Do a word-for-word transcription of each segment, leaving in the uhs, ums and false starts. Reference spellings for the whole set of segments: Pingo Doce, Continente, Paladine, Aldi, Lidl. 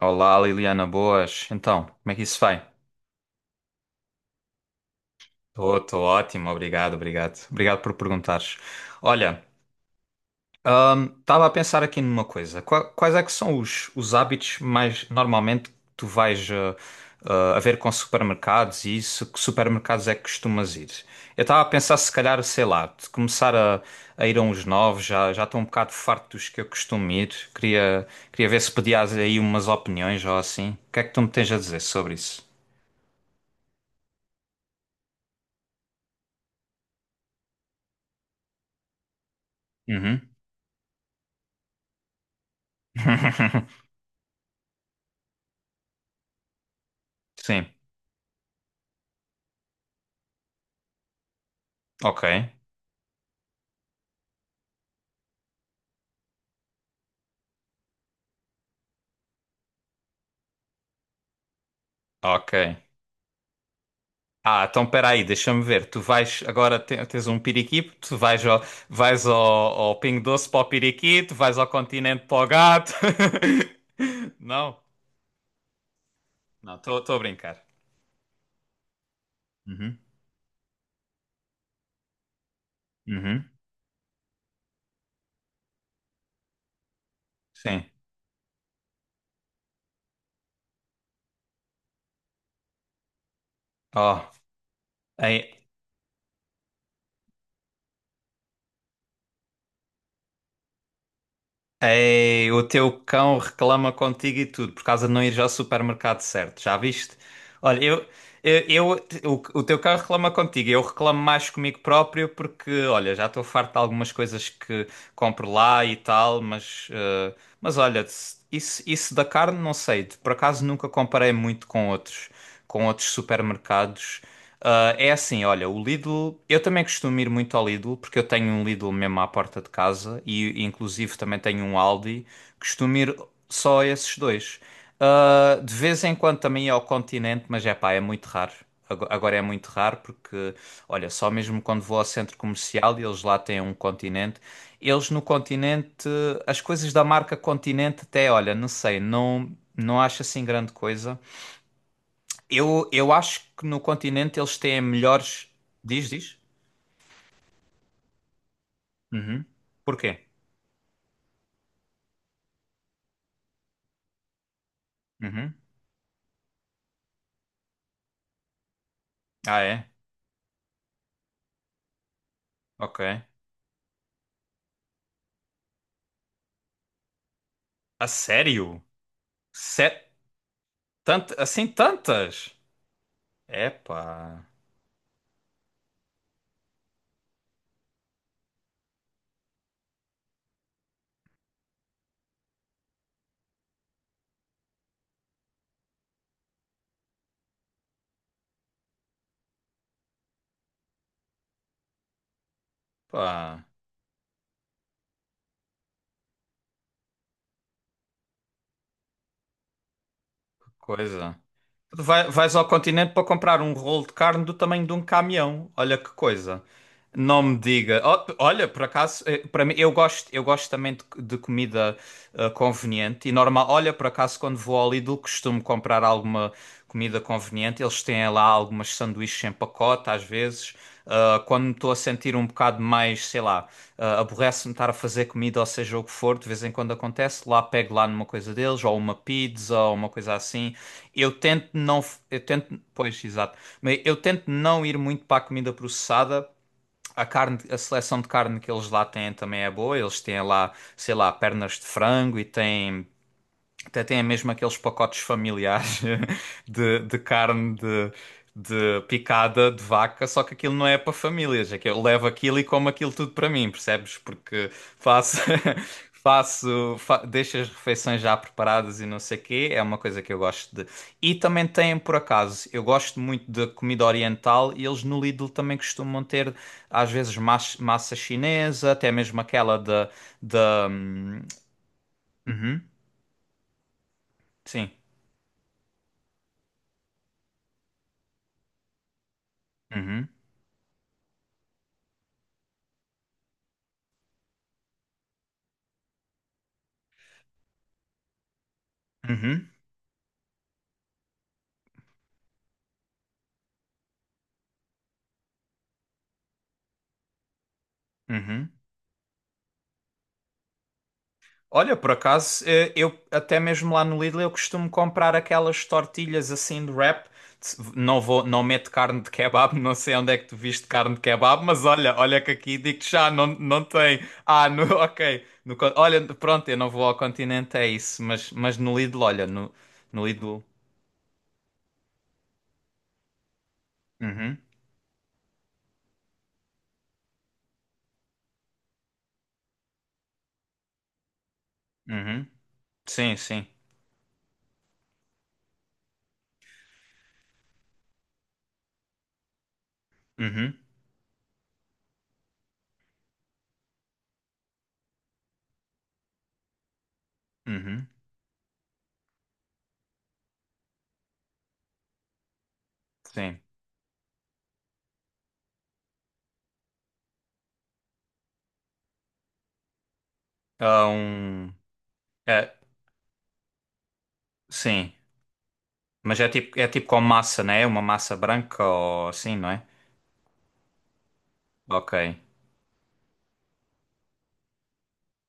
Olá, Liliana, boas. Então, como é que isso vai? Estou ótimo, obrigado, obrigado. Obrigado por perguntares. Olha, estava a pensar aqui numa coisa. Qua- Quais é que são os, os hábitos mais normalmente que tu vais ah, ah, a ver com supermercados e isso? Que supermercados é que costumas ir? Eu estava a pensar se calhar, sei lá, de começar a, a ir a uns novos, já já estou um bocado farto dos que eu costumo ir. Queria, queria ver se pedias aí umas opiniões ou assim. O que é que tu me tens a dizer sobre isso? Uhum. Sim, ok, ok. Ah, então espera aí, deixa-me ver. Tu vais agora te- tens um piriquito tu vais ao, vais ao, ao Pingo Doce para o piriqui, tu vais ao Continente para o gato. Não, não, estou a brincar. Uhum, uhum, sim. Oh, ei, o teu cão reclama contigo e tudo por causa de não ir ao supermercado certo, já viste? Olha, eu, eu, eu- o, o teu cão reclama contigo, eu reclamo mais comigo próprio porque, olha, já estou farto de algumas coisas que compro lá e tal, mas, eh, mas olha, se- isso, isso da carne não sei, por acaso nunca comparei muito com outros, com outros supermercados. Ah, é assim, olha, o Lidl, eu também costumo ir muito ao Lidl, porque eu tenho um Lidl mesmo à porta de casa e, e inclusive também tenho um Aldi, costumo ir só a esses dois. Ah, de vez em quando também ia ao Continente, mas é pá, é muito raro. Ago- Agora é muito raro porque, olha, só mesmo quando vou ao centro comercial e eles lá têm um Continente, eles no Continente, as coisas da marca Continente até, olha, não sei, não, não acho assim grande coisa. Eu, eu acho que no continente eles têm melhores. Diz, diz? Uhum. Porquê? Uhum. Ah, é? Ok. A sério? Sé- tant- Assim tantas? Epá, pá, que coisa. Tu vai- vais ao continente para comprar um rolo de carne do tamanho de um caminhão. Olha que coisa. Não me diga. Ó, olha, por acaso, eh, para mim, eu gosto, eu gosto também de, de comida eh, conveniente e normal. Olha, por acaso, quando vou ao Lidl, costumo comprar alguma comida conveniente. Eles têm lá algumas sanduíches em pacote, às vezes. Ah, quando me estou a sentir um bocado mais, sei lá, ah, aborrece-me estar a fazer comida, ou seja o que for, de vez em quando acontece, lá pego lá numa coisa deles, ou uma pizza, ou uma coisa assim. Eu tento não, f- eu tento, pois, exato, mas eu tento não ir muito para a comida processada. A carne, a seleção de carne que eles lá têm também é boa. Eles têm lá, sei lá, pernas de frango e têm até tem mesmo aqueles pacotes familiares de, de carne de, de picada de vaca, só que aquilo não é para famílias. É que eu levo aquilo e como aquilo tudo para mim, percebes? Porque faço, faço, fa deixo as refeições já preparadas e não sei o quê. É uma coisa que eu gosto de. E também tem, por acaso, eu gosto muito de comida oriental e eles no Lidl também costumam ter, às vezes, mas- massa chinesa, até mesmo aquela da. da... hum, Uhum, sim. Uhum. Uhum, uhum. Olha, por acaso, eh, eu até mesmo lá no Lidl eu costumo comprar aquelas tortilhas assim de wrap. Se- Não vou, não meto carne de kebab, não sei onde é que tu viste carne de kebab, mas olha, olha que aqui digo-te já, não, não tem. Ah, no, ok. No con- olha, pronto, eu não vou ao continente, é isso, mas, mas no Lidl, olha, no, no Lidl. Uhum, uhum. Sim, sim. Uhum, uhum. Sim. Ah, um. É, sim. Mas é tipo, é tipo com massa, né? Uma massa branca ou assim, não é? Ok,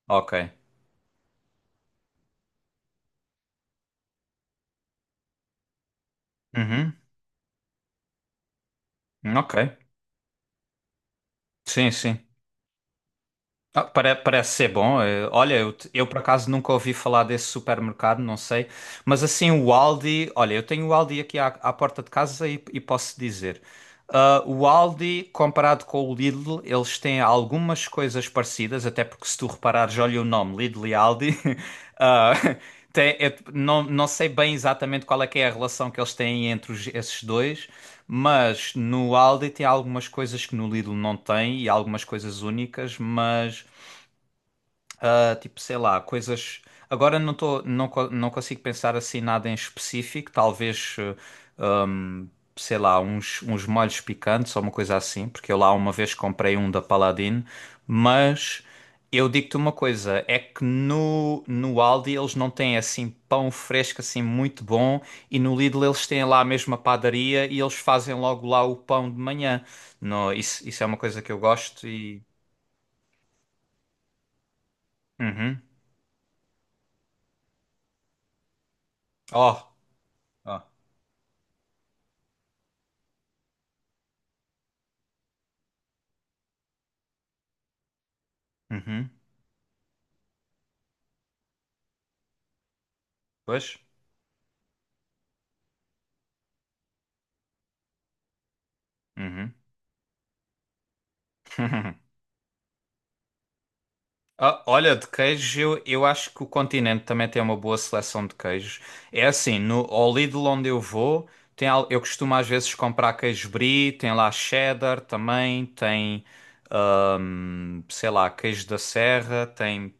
ok. Uhum, ok. Sim, sim. Ah, pare- parece ser bom. Eh, Olha, eu, te- eu por acaso nunca ouvi falar desse supermercado, não sei. Mas assim, o Aldi. Olha, eu tenho o Aldi aqui à, à porta de casa e, e posso dizer. Ah, o Aldi, comparado com o Lidl, eles têm algumas coisas parecidas, até porque se tu reparares, olha o nome, Lidl e Aldi. ah, tem- é- não, não sei bem exatamente qual é que é a relação que eles têm entre os- esses dois, mas no Aldi tem algumas coisas que no Lidl não tem e algumas coisas únicas, mas. Ah, tipo, sei lá, coisas. Agora não tô, não, co- não consigo pensar assim nada em específico. Talvez, eh, hum, sei lá, uns, uns molhos picantes ou uma coisa assim, porque eu lá uma vez comprei um da Paladine. Mas eu digo-te uma coisa: é que no, no Aldi eles não têm assim pão fresco, assim muito bom, e no Lidl eles têm lá a mesma padaria e eles fazem logo lá o pão de manhã. No, isso, isso é uma coisa que eu gosto e. Uhum. Oh! Oh. Uhum. Pois. Uhum. Ah, olha, de queijos eu, eu acho que o Continente também tem uma boa seleção de queijos. É assim, no, ao Lidl onde eu vou, tem, al- eu costumo às vezes comprar queijo brie, tem lá cheddar também, tem, ahm, sei lá, queijo da serra, tem,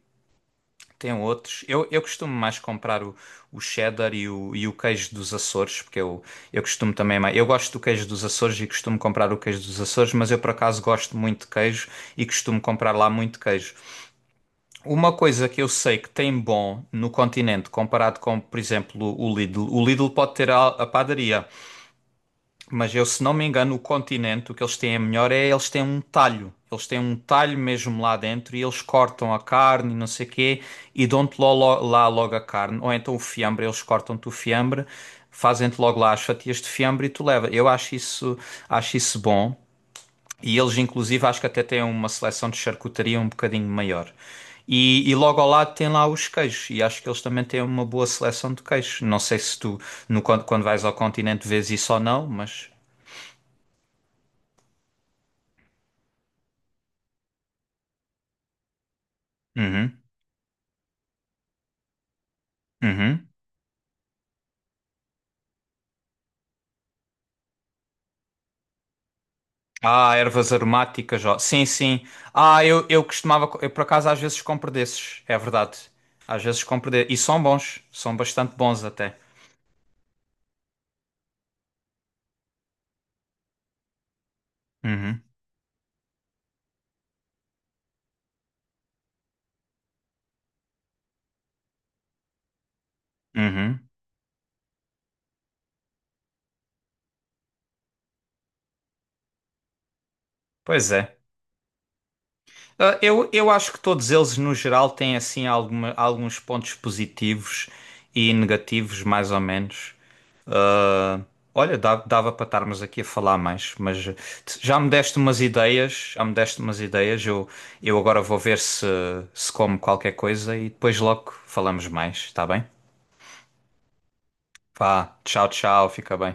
tem outros. Eu, eu costumo mais comprar o, o cheddar e o, e o queijo dos Açores, porque eu, eu costumo também mais. Eu gosto do queijo dos Açores e costumo comprar o queijo dos Açores, mas eu por acaso gosto muito de queijo e costumo comprar lá muito queijo. Uma coisa que eu sei que tem bom no continente comparado com, por exemplo, o Lidl. O Lidl pode ter a, a padaria. Mas eu, se não me engano, o continente, o que eles têm é melhor é eles têm um talho. Eles têm um talho mesmo lá dentro e eles cortam a carne e não sei quê e dão-te lo- lo- lá logo a carne. Ou então o fiambre, eles cortam-te o fiambre, fazem-te logo lá as fatias de fiambre e tu leva. Eu acho isso, acho isso bom. E eles, inclusive, acho que até têm uma seleção de charcutaria um bocadinho maior. E, e logo ao lado tem lá os queijos, e acho que eles também têm uma boa seleção de queijos. Não sei se tu, no, quando quando vais ao continente, vês isso ou não, mas. Uhum, uhum. Ah, ervas aromáticas, ó. Sim, sim. Ah, eu, eu costumava, co- eu por acaso às vezes compro desses, é verdade. Às vezes compro desses. E são bons, são bastante bons até. Uhum, uhum. Pois é. Ah, Eu, eu acho que todos eles, no geral, têm assim alguma- alguns pontos positivos e negativos, mais ou menos. Ah, olha, dá- dava para estarmos aqui a falar mais, mas eh, já me deste umas ideias, já me deste umas ideias. Eu, eu agora vou ver se, se como qualquer coisa e depois logo falamos mais, está bem? Vá, tchau, tchau, fica bem.